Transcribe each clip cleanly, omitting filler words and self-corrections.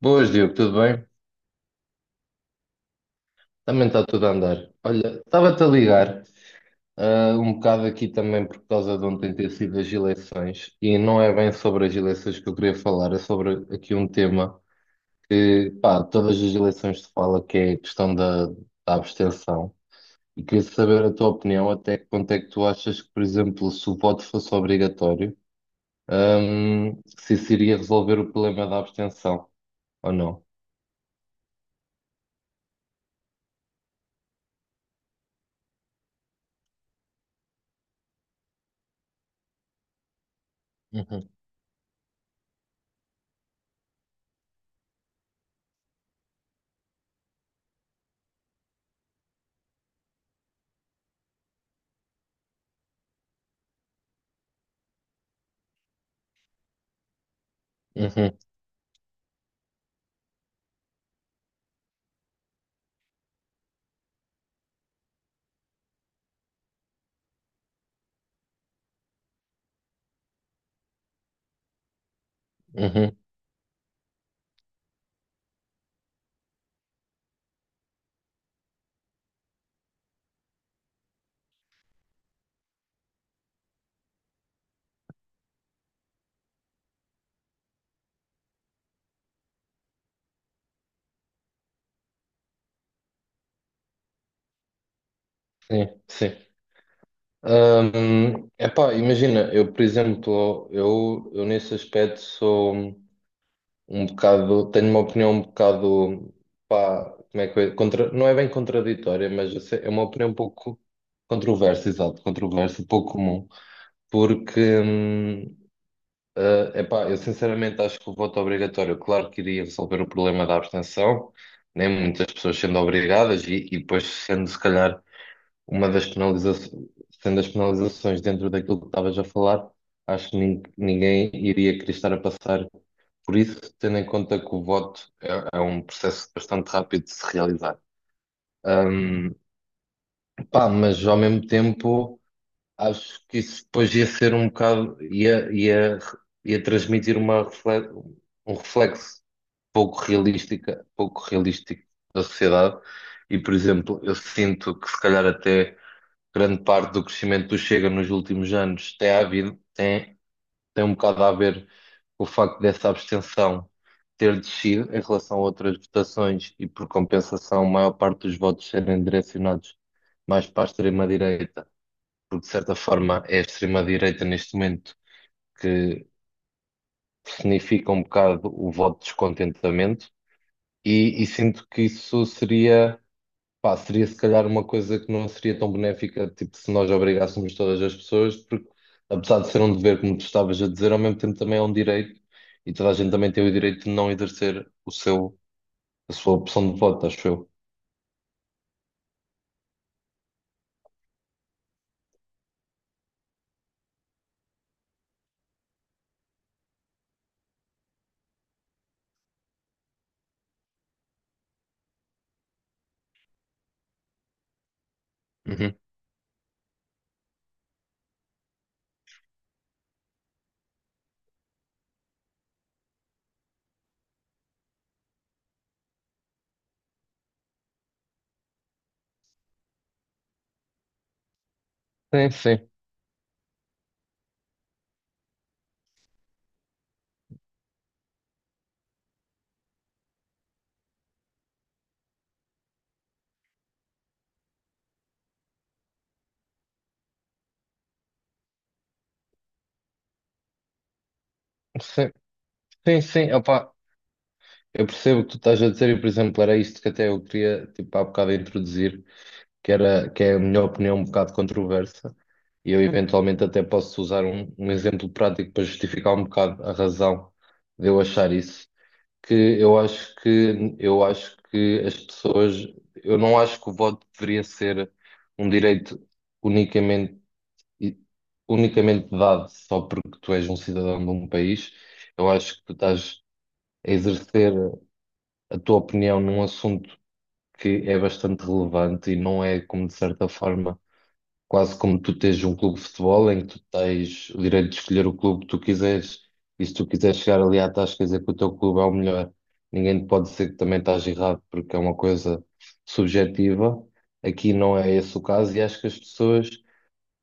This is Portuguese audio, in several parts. Boas, Diogo, tudo bem? Também está tudo a andar. Olha, estava-te a ligar, um bocado aqui também por causa de ontem ter sido as eleições, e não é bem sobre as eleições que eu queria falar, é sobre aqui um tema que, pá, todas as eleições se fala que é a questão da abstenção, e queria saber a tua opinião, até que ponto é que tu achas que, por exemplo, se o voto fosse obrigatório, se isso iria resolver o problema da abstenção, ou não? Uhum, uhum, uhum, sim, sim. Epá, imagina, eu, por exemplo, eu nesse aspecto sou um bocado, tenho uma opinião um bocado, pá, como é que é? Contra, não é bem contraditória, mas é uma opinião um pouco controversa, exato, controversa, pouco comum, porque, epá, eu sinceramente acho que o voto obrigatório, claro que iria resolver o problema da abstenção, nem muitas pessoas sendo obrigadas e depois sendo, se calhar, uma das penalizações, sendo as penalizações dentro daquilo que estavas a falar, acho que ninguém iria querer estar a passar por isso, tendo em conta que o voto é um processo bastante rápido de se realizar. Ahm, Pá, mas ao mesmo tempo acho que isso depois ia ser um bocado, ia transmitir um reflexo pouco realística, pouco realístico da sociedade. E, por exemplo, eu sinto que se calhar até grande parte do crescimento do Chega nos últimos anos tem um bocado a ver com o facto dessa abstenção ter descido em relação a outras votações e, por compensação, a maior parte dos votos serem direcionados mais para a extrema-direita, porque, de certa forma, é a extrema-direita neste momento que significa um bocado o voto de descontentamento. E sinto que isso seria pá, seria se calhar uma coisa que não seria tão benéfica, tipo, se nós obrigássemos todas as pessoas, porque apesar de ser um dever, como tu estavas a dizer, ao mesmo tempo também é um direito e toda a gente também tem o direito de não exercer a sua opção de voto, acho eu. Uhum. Sim, sim, sim, sim, sim, opá, eu percebo o que tu estás a dizer e, por exemplo, era isto que até eu queria, tipo, há bocado introduzir. Que é a minha opinião um bocado controversa, e eu eventualmente até posso usar um exemplo prático para justificar um bocado a razão de eu achar isso, que eu acho que as pessoas, eu não acho que o voto deveria ser um direito unicamente e- unicamente dado só porque tu és um cidadão de um país. Eu acho que tu estás a exercer a tua opinião num assunto que é bastante relevante e não é como de certa forma quase como tu tens um clube de futebol em que tu tens o direito de escolher o clube que tu quiseres. E se tu quiseres chegar ali à tasca e dizer que o teu clube é o melhor, ninguém te pode dizer que também estás errado, porque é uma coisa subjetiva. Aqui não é esse o caso e acho que as pessoas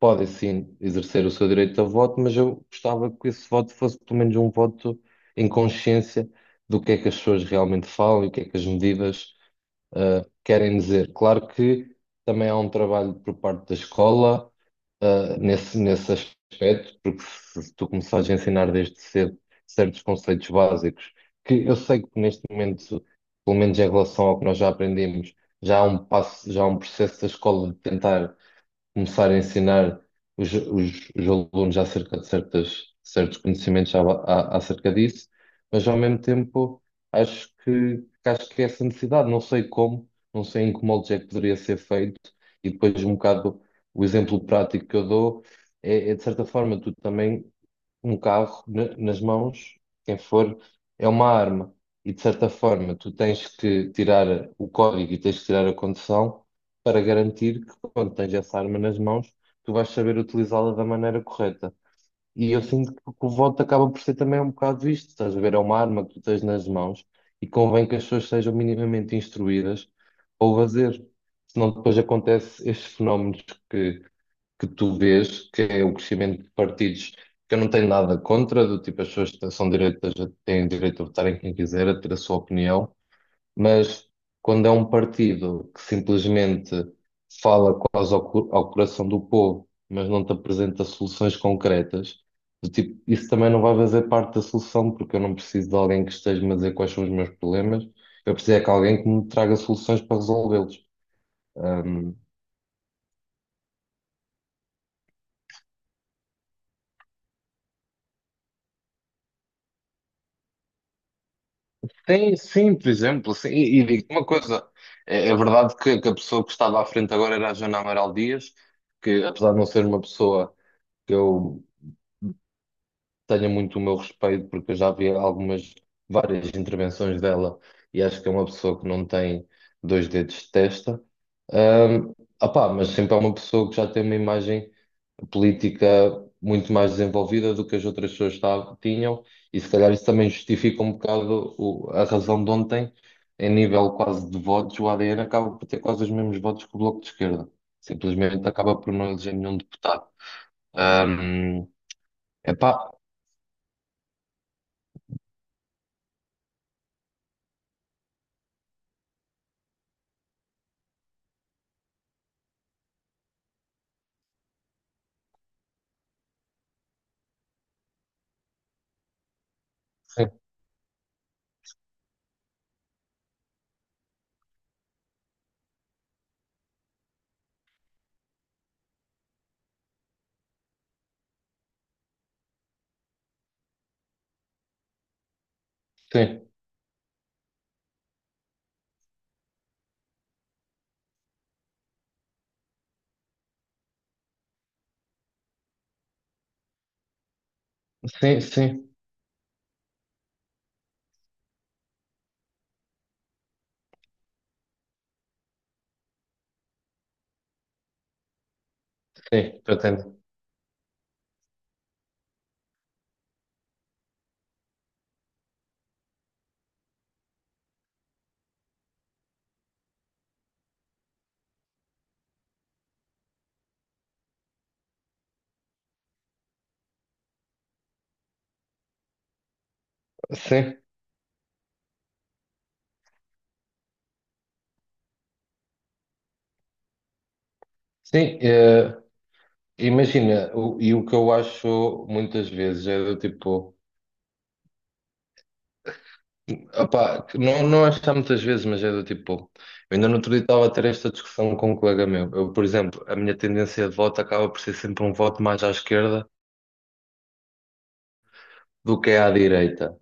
podem sim exercer o seu direito a voto, mas eu gostava que esse voto fosse pelo menos um voto em consciência do que é que as pessoas realmente falam e o que é que as medidas querem dizer. Claro que também há um trabalho por parte da escola, nesse aspecto, porque se tu começares a ensinar desde cedo certos conceitos básicos, que eu sei que neste momento, pelo menos em relação ao que nós já aprendemos, já há um processo da escola de tentar começar a ensinar os alunos acerca de certos conhecimentos acerca disso, mas ao mesmo tempo acho que é essa necessidade, não sei como, não sei em que molde é que poderia ser feito, e depois um bocado o exemplo prático que eu dou é, é de certa forma tu também um carro nas mãos, quem for, é uma arma. E de certa forma, tu tens que tirar o código e tens que tirar a condução para garantir que quando tens essa arma nas mãos, tu vais saber utilizá-la da maneira correta. E eu sinto que o voto acaba por ser também um bocado isto, estás a ver? É uma arma que tu tens nas mãos e convém que as pessoas sejam minimamente instruídas ao fazer. Senão depois acontece estes fenómenos que tu vês, que é o crescimento de partidos, que eu não tenho nada contra, do tipo as pessoas que são direitas têm direito a votarem quem quiser, a ter a sua opinião, mas quando é um partido que simplesmente fala quase ao coração do povo, mas não te apresenta soluções concretas, do tipo, isso também não vai fazer parte da solução, porque eu não preciso de alguém que esteja-me a dizer quais são os meus problemas, eu preciso é que alguém que me traga soluções para resolvê-los. Tem, sim, por exemplo, sim. E digo-te uma coisa, é verdade que a pessoa que estava à frente agora era a Joana Amaral Dias, que apesar de não ser uma pessoa que eu tenha muito o meu respeito, porque eu já vi várias intervenções dela e acho que é uma pessoa que não tem dois dedos de testa, ah opá, mas sempre é uma pessoa que já tem uma imagem política muito mais desenvolvida do que as outras pessoas tinham, e se calhar isso também justifica um bocado a razão de ontem, em nível quase de votos, o ADN acaba por ter quase os mesmos votos que o Bloco de Esquerda. Simplesmente acaba por não eleger nenhum deputado. Ahm, Epá, sim, sim, sim, sim, sim, pretendo. Sim, sim, imagina, e o que eu acho muitas vezes é do tipo. Opá, não, não acho que há muitas vezes, mas é do tipo, pô, eu ainda no outro dia estava a ter esta discussão com um colega meu. Eu, por exemplo, a minha tendência de voto acaba por ser sempre um voto mais à esquerda do que é à direita.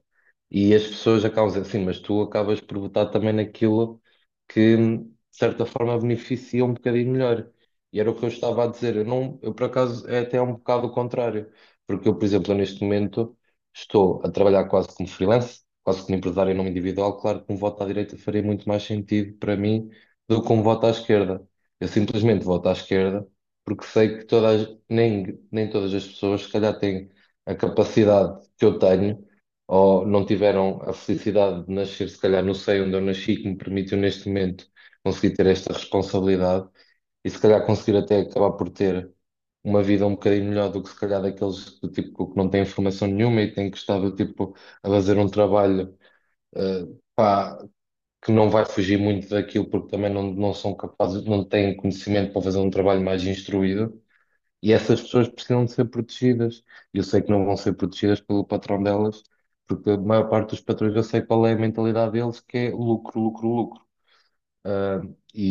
E as pessoas acabam dizendo assim, mas tu acabas por votar também naquilo que, de certa forma, beneficia um bocadinho melhor. E era o que eu estava a dizer. Eu, não, eu por acaso, é até um bocado o contrário. Porque eu, por exemplo, neste momento, estou a trabalhar quase como freelance, quase como empresário em nome individual. Claro que um voto à direita faria muito mais sentido para mim do que um voto à esquerda. Eu simplesmente voto à esquerda porque sei que todas, nem todas as pessoas, se calhar, têm a capacidade que eu tenho ou não tiveram a felicidade de nascer, se calhar, não sei onde eu nasci, que me permitiu neste momento conseguir ter esta responsabilidade e se calhar conseguir até acabar por ter uma vida um bocadinho melhor do que se calhar daqueles do tipo que não têm formação nenhuma e têm que estar do tipo a fazer um trabalho eh, pá, que não vai fugir muito daquilo porque também não, não são capazes, não têm conhecimento para fazer um trabalho mais instruído. E essas pessoas precisam de ser protegidas. E eu sei que não vão ser protegidas pelo patrão delas, porque a maior parte dos patrões eu sei qual é a mentalidade deles, que é lucro, lucro, lucro. Ah, e,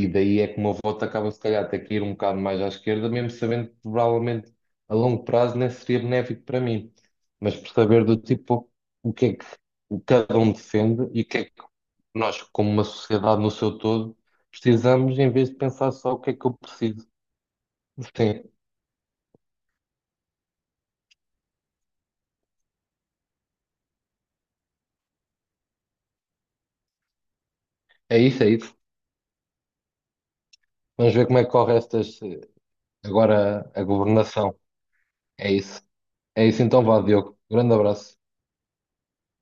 e daí é que o meu voto acaba, se calhar, até que ir um bocado mais à esquerda, mesmo sabendo que provavelmente a longo prazo nem seria benéfico para mim. Mas por saber do tipo o que é que o cada um defende e o que é que nós, como uma sociedade no seu todo, precisamos, em vez de pensar só o que é que eu preciso. Sim, é isso, é isso. Vamos ver como é que corre estas, agora a governação. É isso. É isso então, vá, Diogo. Grande abraço.